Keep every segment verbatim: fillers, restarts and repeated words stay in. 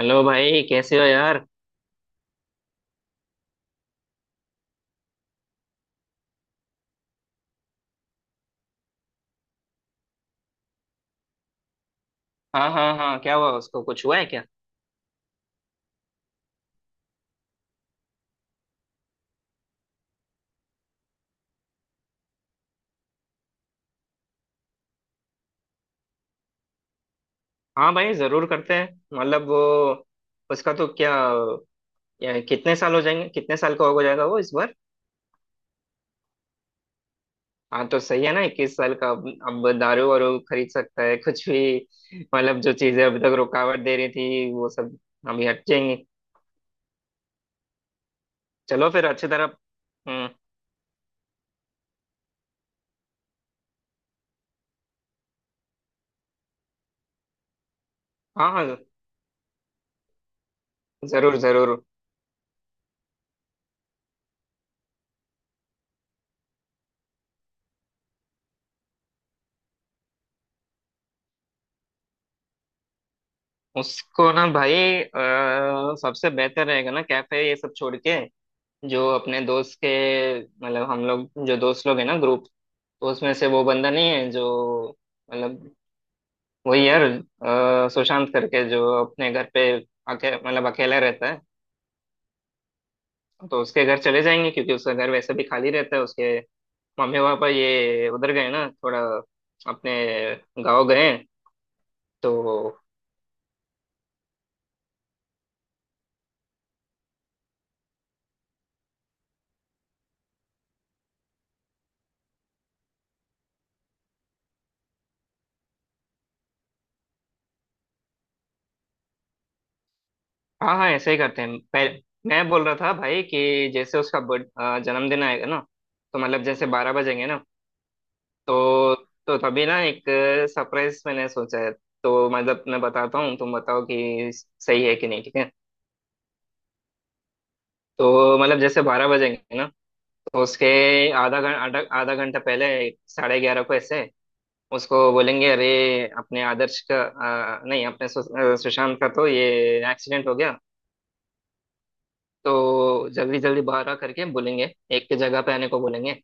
Hello भाई, कैसे हो यार? हाँ, हाँ, हाँ, क्या हुआ? उसको कुछ हुआ है क्या? हाँ भाई, जरूर करते हैं। मतलब वो, उसका तो क्या, या कितने साल हो जाएंगे, कितने साल का हो जाएगा वो इस बार? हाँ तो सही है ना, इक्कीस साल का। अब अब दारू वारू खरीद सकता है कुछ भी। मतलब जो चीजें अभी तक रुकावट दे रही थी वो सब अभी हट जाएंगी। चलो फिर अच्छी तरह। हम्म। हाँ हाँ, जरूर जरूर। उसको ना भाई, अ, सबसे बेहतर रहेगा ना, कैफे ये सब छोड़ के, जो अपने दोस्त के, मतलब हम लोग जो दोस्त लोग हैं ना ग्रुप, तो उसमें से वो बंदा नहीं है जो, मतलब, वही यार अ, सुशांत करके, जो अपने घर पे अके, मतलब अकेला रहता है। तो उसके घर चले जाएंगे, क्योंकि उसका घर वैसे भी खाली रहता है, उसके मम्मी पापा ये उधर गए ना, थोड़ा अपने गांव गए हैं। तो हाँ हाँ, ऐसे ही करते हैं पहले। मैं बोल रहा था भाई कि जैसे उसका बर्थ- अ, जन्मदिन आएगा ना, तो मतलब जैसे बारह बजेंगे ना, तो तो तभी ना एक सरप्राइज मैंने सोचा है। तो मतलब मैं बताता हूँ, तुम बताओ कि सही है कि नहीं, ठीक है? तो मतलब जैसे बारह बजेंगे ना, तो उसके आधा घं- आधा आधा घंटा पहले, साढ़े ग्यारह को ऐसे उसको बोलेंगे, अरे, अपने आदर्श का अ, नहीं, अपने सु, अ, सुशांत का तो ये एक्सीडेंट हो गया, तो जल्दी जल्दी बाहर आ करके बोलेंगे, एक की जगह पे आने को बोलेंगे।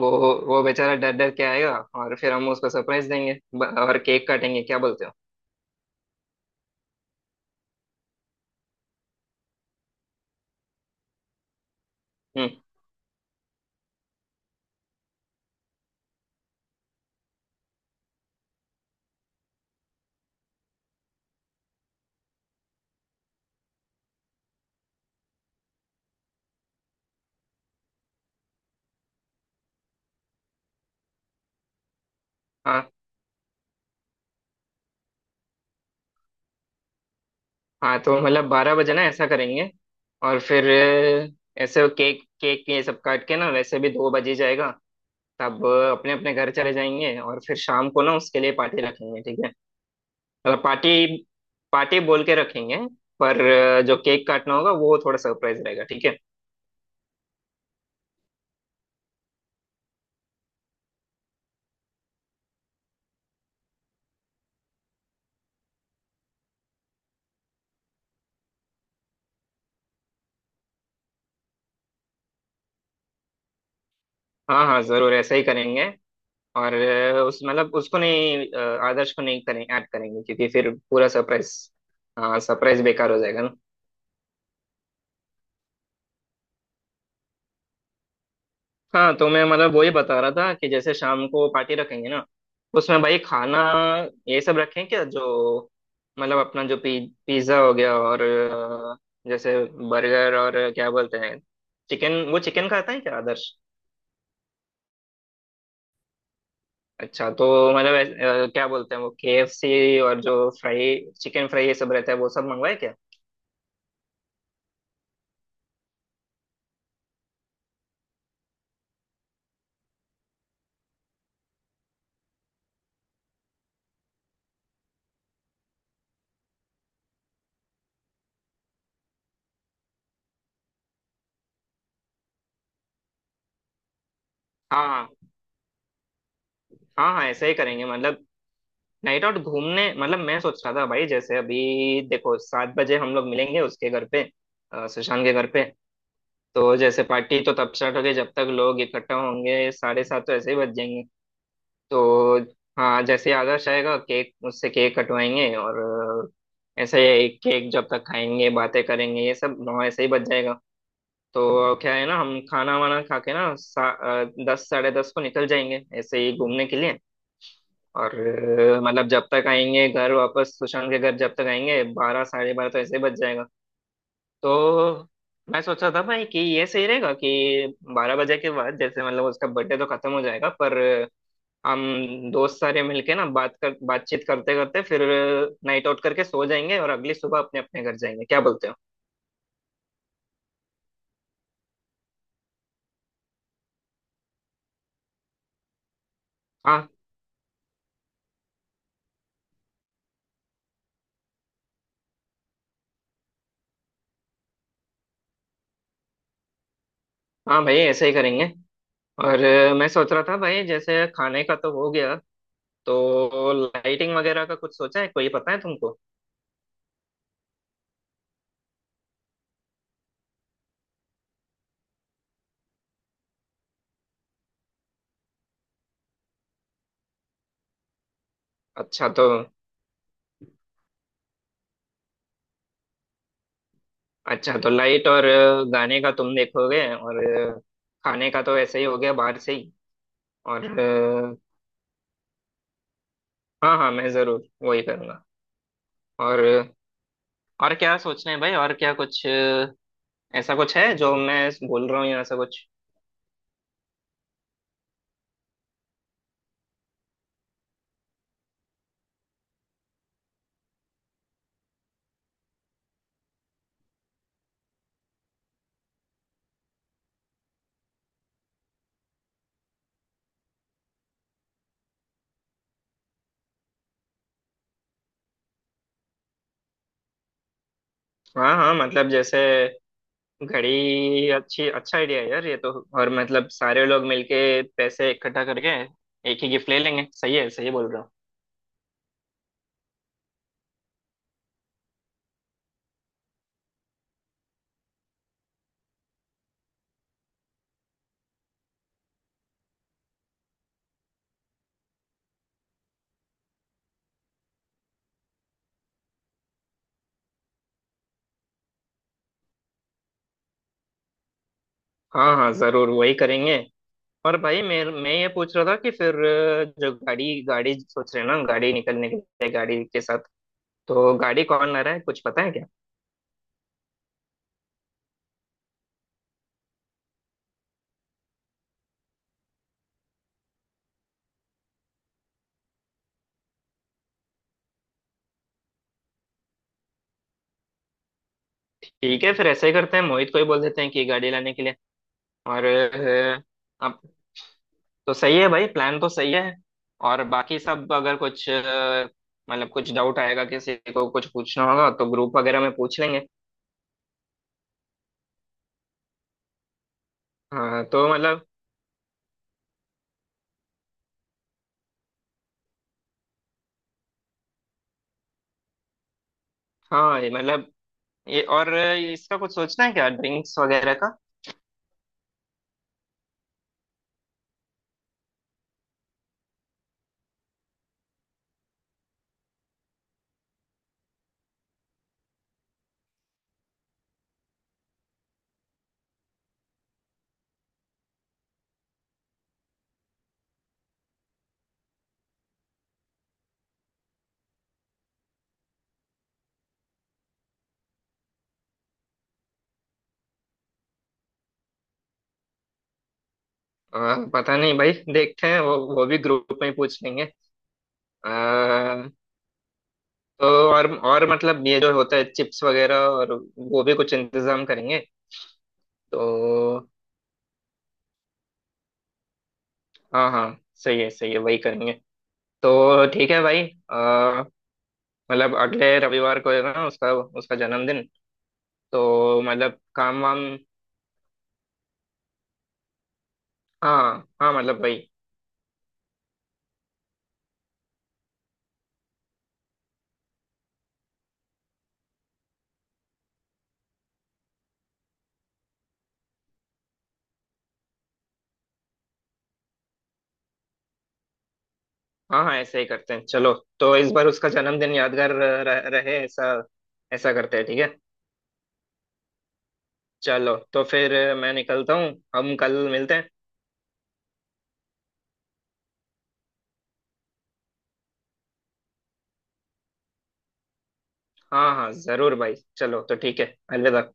वो वो बेचारा डर डर के आएगा, और फिर हम उसको सरप्राइज देंगे, ब- और केक काटेंगे। क्या बोलते हो? हम्म। हाँ। हाँ तो मतलब बारह बजे ना ऐसा करेंगे, और फिर अ, ऐसे केक केक ये सब काट के ना वैसे भी दो बजे जाएगा। तब अपने अपने घर चले जाएंगे, और फिर शाम को ना उसके लिए पार्टी रखेंगे, ठीक है? मतलब पार्टी पार्टी बोल के रखेंगे, पर अ, जो केक काटना होगा वो थोड़ा सरप्राइज रहेगा, ठीक है? हाँ हाँ, जरूर ऐसा ही करेंगे। और अ, उस मतलब उसको नहीं, अ, आदर्श को नहीं करें ऐड करेंगे, क्योंकि फिर पूरा सरप्राइज। हाँ, सरप्राइज बेकार हो जाएगा। हाँ तो मैं, मतलब, वही बता रहा था कि जैसे शाम को पार्टी रखेंगे ना उसमें भाई खाना ये सब रखें क्या, जो मतलब अपना जो पी, पिज्ज़ा हो गया और अ, जैसे बर्गर, और क्या बोलते हैं चिकन, वो चिकन खाता है क्या आदर्श? अच्छा तो मतलब ऐस- अ, क्या बोलते हैं वो केएफसी, और जो फ्राई, चिकन फ्राई ये सब रहता है वो सब मंगवाए क्या? हाँ हाँ। हाँ हाँ, ऐसे ही करेंगे। मतलब नाइट आउट घूमने, मतलब मैं सोच रहा था भाई जैसे अभी देखो सात बजे हम लोग मिलेंगे उसके घर पे, अ, सुशांत के घर पे। तो जैसे पार्टी तो तब स्टार्ट होगी, जब तक लोग इकट्ठा होंगे साढ़े सात तो ऐसे ही बज जाएंगे। तो हाँ, जैसे ही आदर्श आएगा केक उससे केक कटवाएंगे, और अ, ऐसे ही केक जब तक खाएंगे, बातें करेंगे ये सब, नौ ऐसे ही बज जाएगा। तो क्या है ना, हम खाना वाना खा के ना सा, अ, दस साढ़े दस को निकल जाएंगे ऐसे ही घूमने के लिए। और अ, मतलब जब तक आएंगे घर वापस, सुशांत के घर जब तक आएंगे, बारह साढ़े बारह तो ऐसे ही बज जाएगा। तो मैं सोच रहा था भाई कि ये सही रहेगा कि बारह बजे के बाद जैसे मतलब उसका बर्थडे तो खत्म हो जाएगा, पर अ, हम दोस्त सारे मिलके ना बात कर बातचीत करते करते फिर नाइट आउट करके सो जाएंगे, और अगली सुबह अपने अपने घर जाएंगे, क्या बोलते हो? हाँ हाँ भाई, ऐसे ही करेंगे। और अ, मैं सोच रहा था भाई जैसे खाने का तो हो गया, तो लाइटिंग वगैरह का कुछ सोचा है, कोई पता है तुमको? अच्छा तो अच्छा तो लाइट और अ, गाने का तुम देखोगे, और अ, खाने का तो ऐसे ही हो गया बाहर से ही। और अ, हाँ हाँ, मैं जरूर वही करूँगा। और अ, और क्या सोच रहे हैं भाई, और क्या कुछ अ, ऐसा कुछ है जो मैं बोल रहा हूँ, या ऐसा कुछ? हाँ हाँ, मतलब जैसे घड़ी अच्छी, अच्छा आइडिया है यार ये तो। और मतलब सारे लोग मिलके पैसे इकट्ठा करके एक ही गिफ्ट ले लेंगे, सही है? सही बोल रहा हूँ? हाँ हाँ, जरूर वही करेंगे। और भाई मैं मैं ये पूछ रहा था कि फिर अ, जो गाड़ी गाड़ी सोच रहे हैं ना, गाड़ी निकलने के लिए, गाड़ी के साथ, तो गाड़ी कौन ला रहा है, कुछ पता है क्या? ठीक है, फिर ऐसे ही करते हैं, मोहित को ही बोल देते हैं कि गाड़ी लाने के लिए। और अ, अब तो सही है भाई, प्लान तो सही है। और बाकी सब, अगर कुछ अ, मतलब कुछ डाउट आएगा, किसी को कुछ पूछना होगा, तो ग्रुप वगैरह में पूछ लेंगे। हाँ तो मतलब, हाँ ये मतलब, ये और इसका कुछ सोचना है क्या, ड्रिंक्स वगैरह का? हाँ पता नहीं भाई, देखते हैं, वो वो भी ग्रुप में ही पूछ लेंगे। आ, तो और और मतलब ये जो होता है चिप्स वगैरह, और वो भी कुछ इंतजाम करेंगे। तो हाँ हाँ, सही है सही है, वही करेंगे। तो ठीक है भाई। आ, मतलब अगले रविवार को है ना उसका उसका जन्मदिन? तो मतलब काम वाम, हाँ हाँ मतलब भाई, हाँ हाँ ऐसे ही करते हैं। चलो, तो इस बार उसका जन्मदिन यादगार रह, रहे, ऐसा ऐसा करते हैं, ठीक है? चलो तो फिर मैं निकलता हूँ, हम कल मिलते हैं। हाँ हाँ जरूर भाई, चलो तो ठीक है, अलविदा।